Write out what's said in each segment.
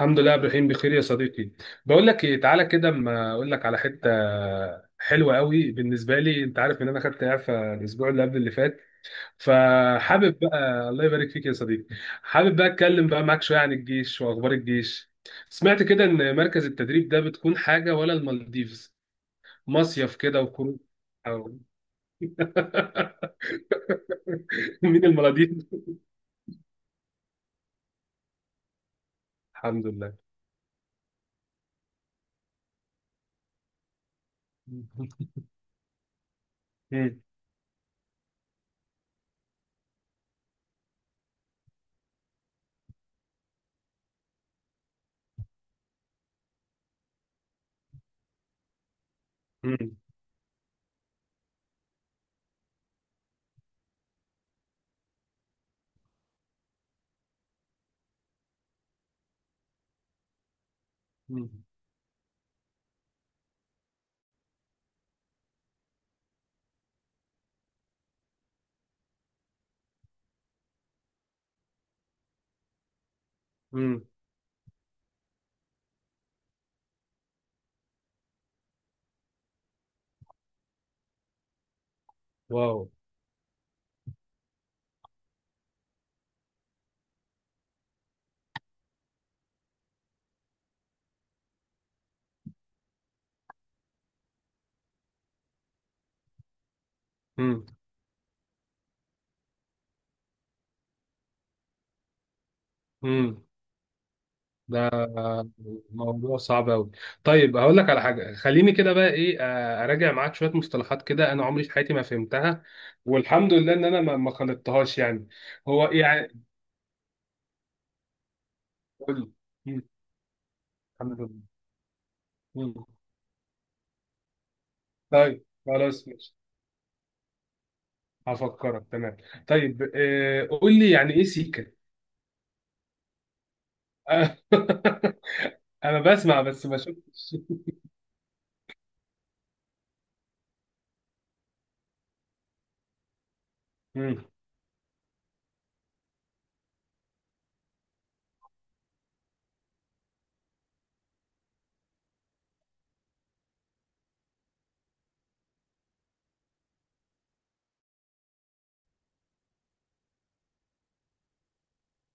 الحمد لله يا ابراهيم بخير يا صديقي. بقول لك ايه، تعالى كده اما اقول لك على حته حلوه قوي بالنسبه لي. انت عارف ان انا خدت اعفاء الاسبوع اللي قبل اللي فات، فحابب بقى. الله يبارك فيك يا صديقي. حابب بقى اتكلم بقى معاك شويه عن الجيش واخبار الجيش. سمعت كده ان مركز التدريب ده بتكون حاجه ولا المالديفز، مصيف كده وخروج. أو- مين المالديف؟ الحمد لله. مم. مم. مم. مم. واو. مم. مم. ده موضوع صعب قوي. طيب هقول لك على حاجه، خليني كده بقى ايه، اراجع معاك شويه مصطلحات كده انا عمري في حياتي ما فهمتها. والحمد لله ان انا ما خلطتهاش يعني. هو إيه يعني؟ قول لي. مم، الحمد لله. مم. طيب خلاص ماشي، هفكرك تمام. طيب، قول لي يعني ايه سيكا؟ آه، انا بسمع بس ما شفتش. مم،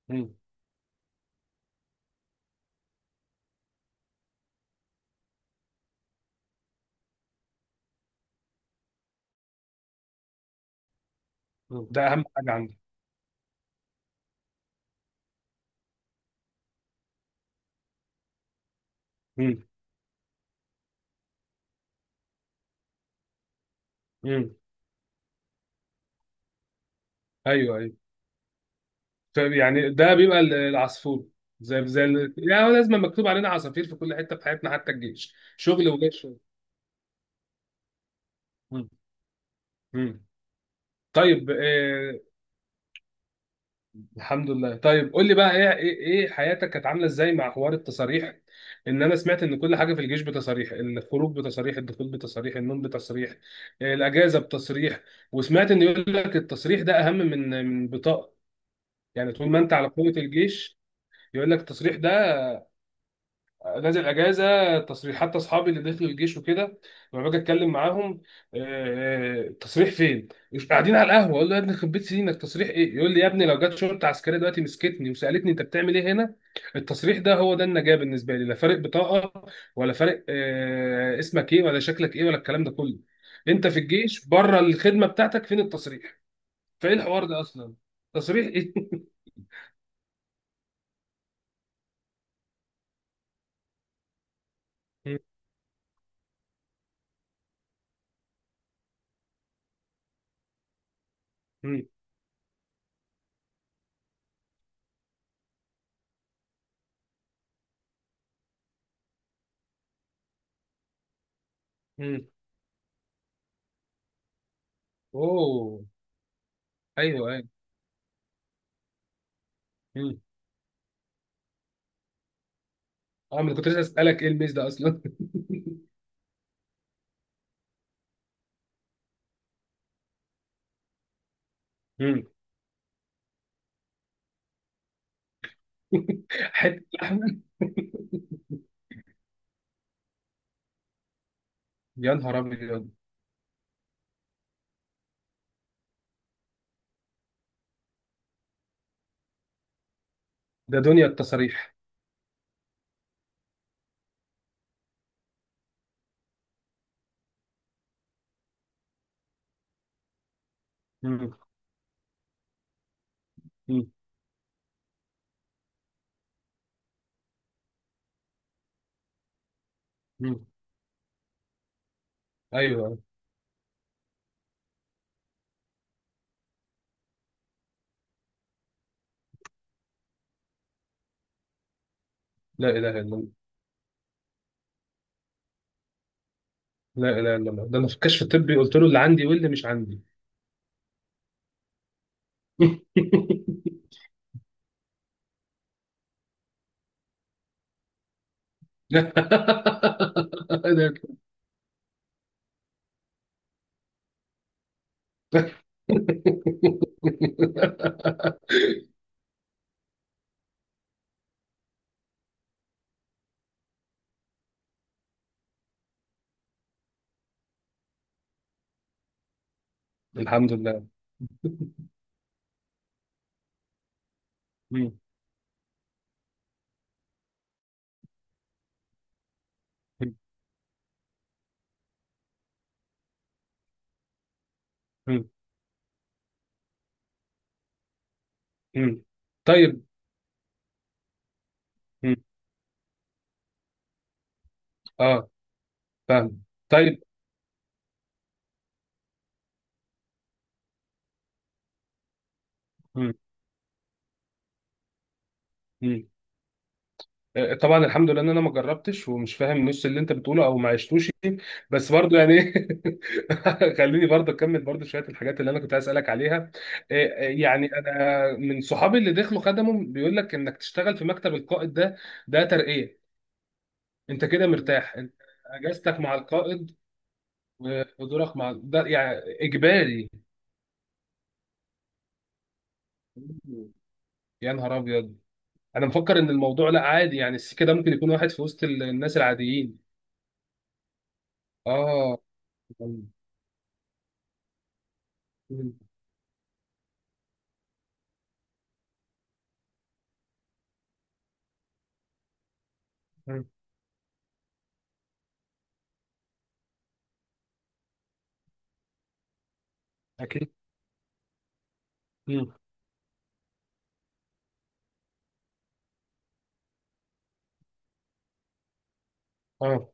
مم، مم. ده اهم حاجه عندي. مم، مم. ايوه ايوه. طيب يعني ده بيبقى العصفور. زي يعني هو لازم مكتوب علينا عصافير في كل حته في حياتنا، حتى الجيش شغل وغير شغل. مم. مم. طيب آه، الحمد لله. طيب قول لي بقى ايه، إيه حياتك كانت عامله ازاي مع حوار التصاريح؟ ان انا سمعت ان كل حاجه في الجيش بتصاريح، الخروج بتصاريح، الدخول بتصاريح، النوم بتصريح، الاجازه بتصريح. وسمعت ان يقول لك التصريح ده اهم من بطاقه، يعني طول ما انت على قوه الجيش يقول لك التصريح ده. نازل اجازه تصريحات، اصحابي اللي دخلوا الجيش وكده لما باجي اتكلم معاهم، تصريح فين؟ مش قاعدين على القهوه؟ اقول له يا ابني يخرب بيت سنينك تصريح ايه؟ يقول لي يا ابني لو جت شرطه عسكريه دلوقتي مسكتني وسالتني انت بتعمل ايه هنا؟ التصريح ده هو ده النجاه بالنسبه لي، لا فارق بطاقه ولا فارق اسمك ايه ولا شكلك ايه ولا الكلام ده كله. انت في الجيش بره الخدمه بتاعتك، فين التصريح؟ فايه الحوار ده اصلا؟ تصريح ايه؟ اوه. ايوه ايوه. اه، ما كنت لسه اسالك ايه الميز ده اصلا؟ مم. حته لحمه، يا نهار ابيض. ده دنيا التصاريح. مم. مم. مم. ايوه. لا اله الا الله. لا اله الا الله، ده انا في الكشف الطبي قلت له اللي عندي واللي مش عندي. ده- الحمد لله. مم. مم. مم. طيب. مم. اه، فاهم. طيب. مم. مم. طبعا الحمد لله ان انا ما جربتش ومش فاهم نص اللي انت بتقوله او ما عشتوش، بس برضو يعني. خليني برضو اكمل برضو شويه الحاجات اللي انا كنت عايز اسالك عليها، إيه يعني انا من صحابي اللي دخلوا خدموا بيقول لك انك تشتغل في مكتب القائد ده. ده ترقيه، انت كده مرتاح انت. اجازتك مع القائد وحضورك مع ده يعني اجباري. يا نهار ابيض. انا مفكر ان الموضوع لا عادي، يعني السكه ده ممكن يكون واحد في وسط الناس العاديين. اه. مم. اه.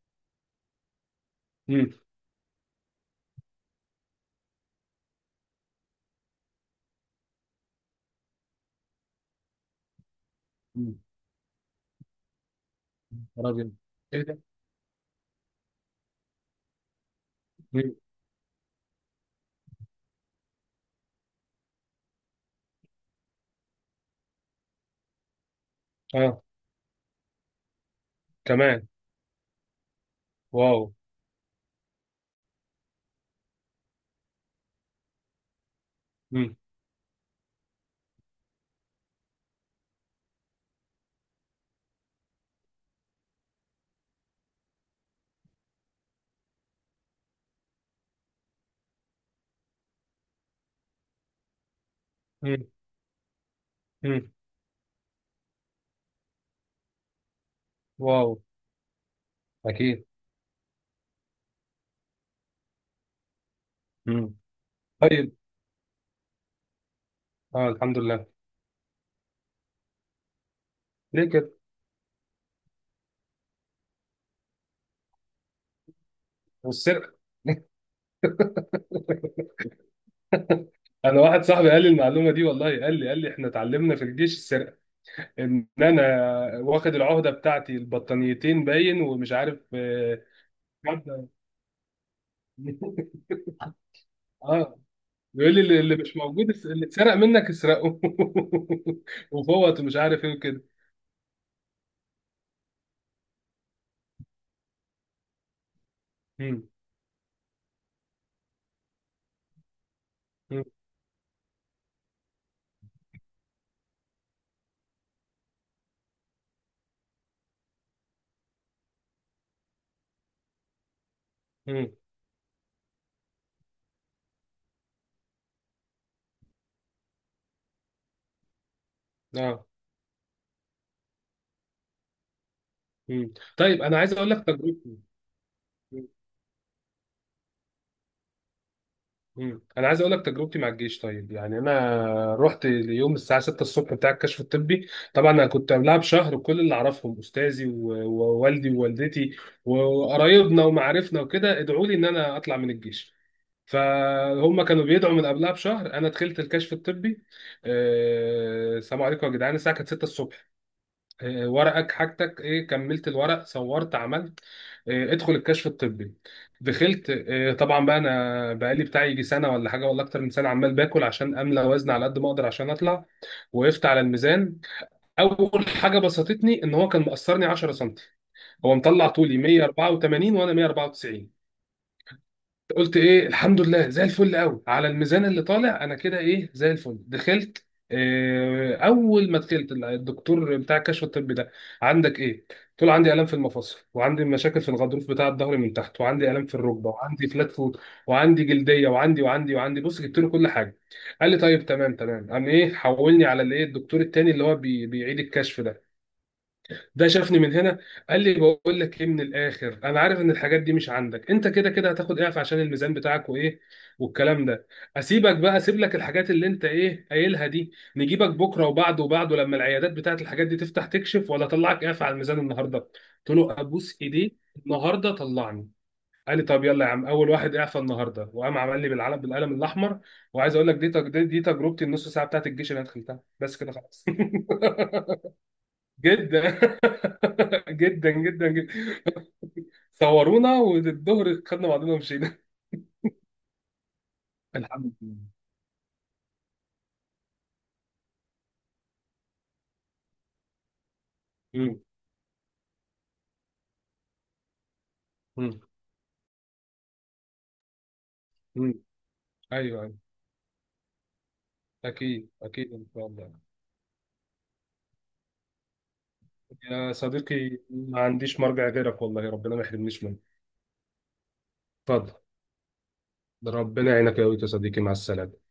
مم. مم. نهار أبيض. ايه ده؟ مم. اه كمان. واو. مم. مم. مم. واو. اكيد. مم. طيب. اه، الحمد لله. ليه كده؟ والسرقه. انا واحد صاحبي قال لي المعلومه دي والله، قال لي احنا اتعلمنا في الجيش السرقه، ان انا واخد العهده بتاعتي البطانيتين باين ومش عارف آه. مادة. اه. بيقول لي اللي مش موجود، اللي اتسرق منك اسرقه. وفوت ومش عارف ايه وكده. مم. مم. مم. اه. مم. طيب انا عايز اقول لك تجربتي. مم. مم. انا عايز اقول لك تجربتي مع الجيش. طيب يعني انا رحت اليوم الساعه 6 الصبح بتاع الكشف الطبي. طبعا انا كنت قبلها بشهر كل اللي اعرفهم، استاذي ووالدي ووالدتي وقرايبنا ومعارفنا وكده، ادعوا لي ان انا اطلع من الجيش. فهم كانوا بيدعوا من قبلها بشهر. انا دخلت الكشف الطبي، السلام عليكم يا جدعان، الساعه كانت 6 الصبح. ورقك حاجتك ايه، كملت الورق، صورت، عملت ادخل الكشف الطبي. دخلت، طبعا بقى انا بقالي بتاعي يجي سنه ولا حاجه ولا اكتر من سنه عمال باكل عشان املى وزن على قد ما اقدر عشان اطلع. وقفت على الميزان، اول حاجه بسطتني ان هو كان مقصرني 10 سم، هو مطلع طولي 184 وانا 194. قلت ايه الحمد لله، زي الفل قوي على الميزان اللي طالع انا كده، ايه زي الفل. دخلت، اول ما دخلت الدكتور بتاع الكشف الطبي ده، عندك ايه؟ قلت له عندي الام في المفاصل وعندي مشاكل في الغضروف بتاع الظهر من تحت وعندي الام في الركبه وعندي فلات فوت وعندي جلديه وعندي بص، جبت له كل حاجه. قال لي طيب تمام تمام، قام ايه حولني على الايه الدكتور التاني اللي هو بيعيد الكشف ده. ده شافني من هنا، قال لي بقول لك ايه، من الاخر انا عارف ان الحاجات دي مش عندك، انت كده كده هتاخد اعف عشان الميزان بتاعك وايه والكلام ده. اسيبك بقى، اسيب لك الحاجات اللي انت ايه قايلها دي، نجيبك بكره وبعده وبعده لما العيادات بتاعت الحاجات دي تفتح تكشف، ولا اطلعك اعف على الميزان النهارده؟ قلت له ابوس ايديه، النهارده طلعني. قال لي طب يلا يا عم، اول واحد اعفى النهارده، وقام عمل لي بالعلم بالقلم الاحمر. وعايز اقول لك دي تج- دي دي تجربتي، النص ساعه بتاعت الجيش اللي انا دخلتها بس كده خلاص. جدا. جدا جدا جدا، صورونا والظهر خدنا بعضنا ومشينا. الحمد لله. مم. مم. مم. ايوه ايوه. اكيد اكيد ان شاء الله. يا صديقي، ما عنديش مرجع غيرك والله، ربنا ما يحرمنيش منك. اتفضل. ربنا يعينك يا ويت يا صديقي، مع السلامه.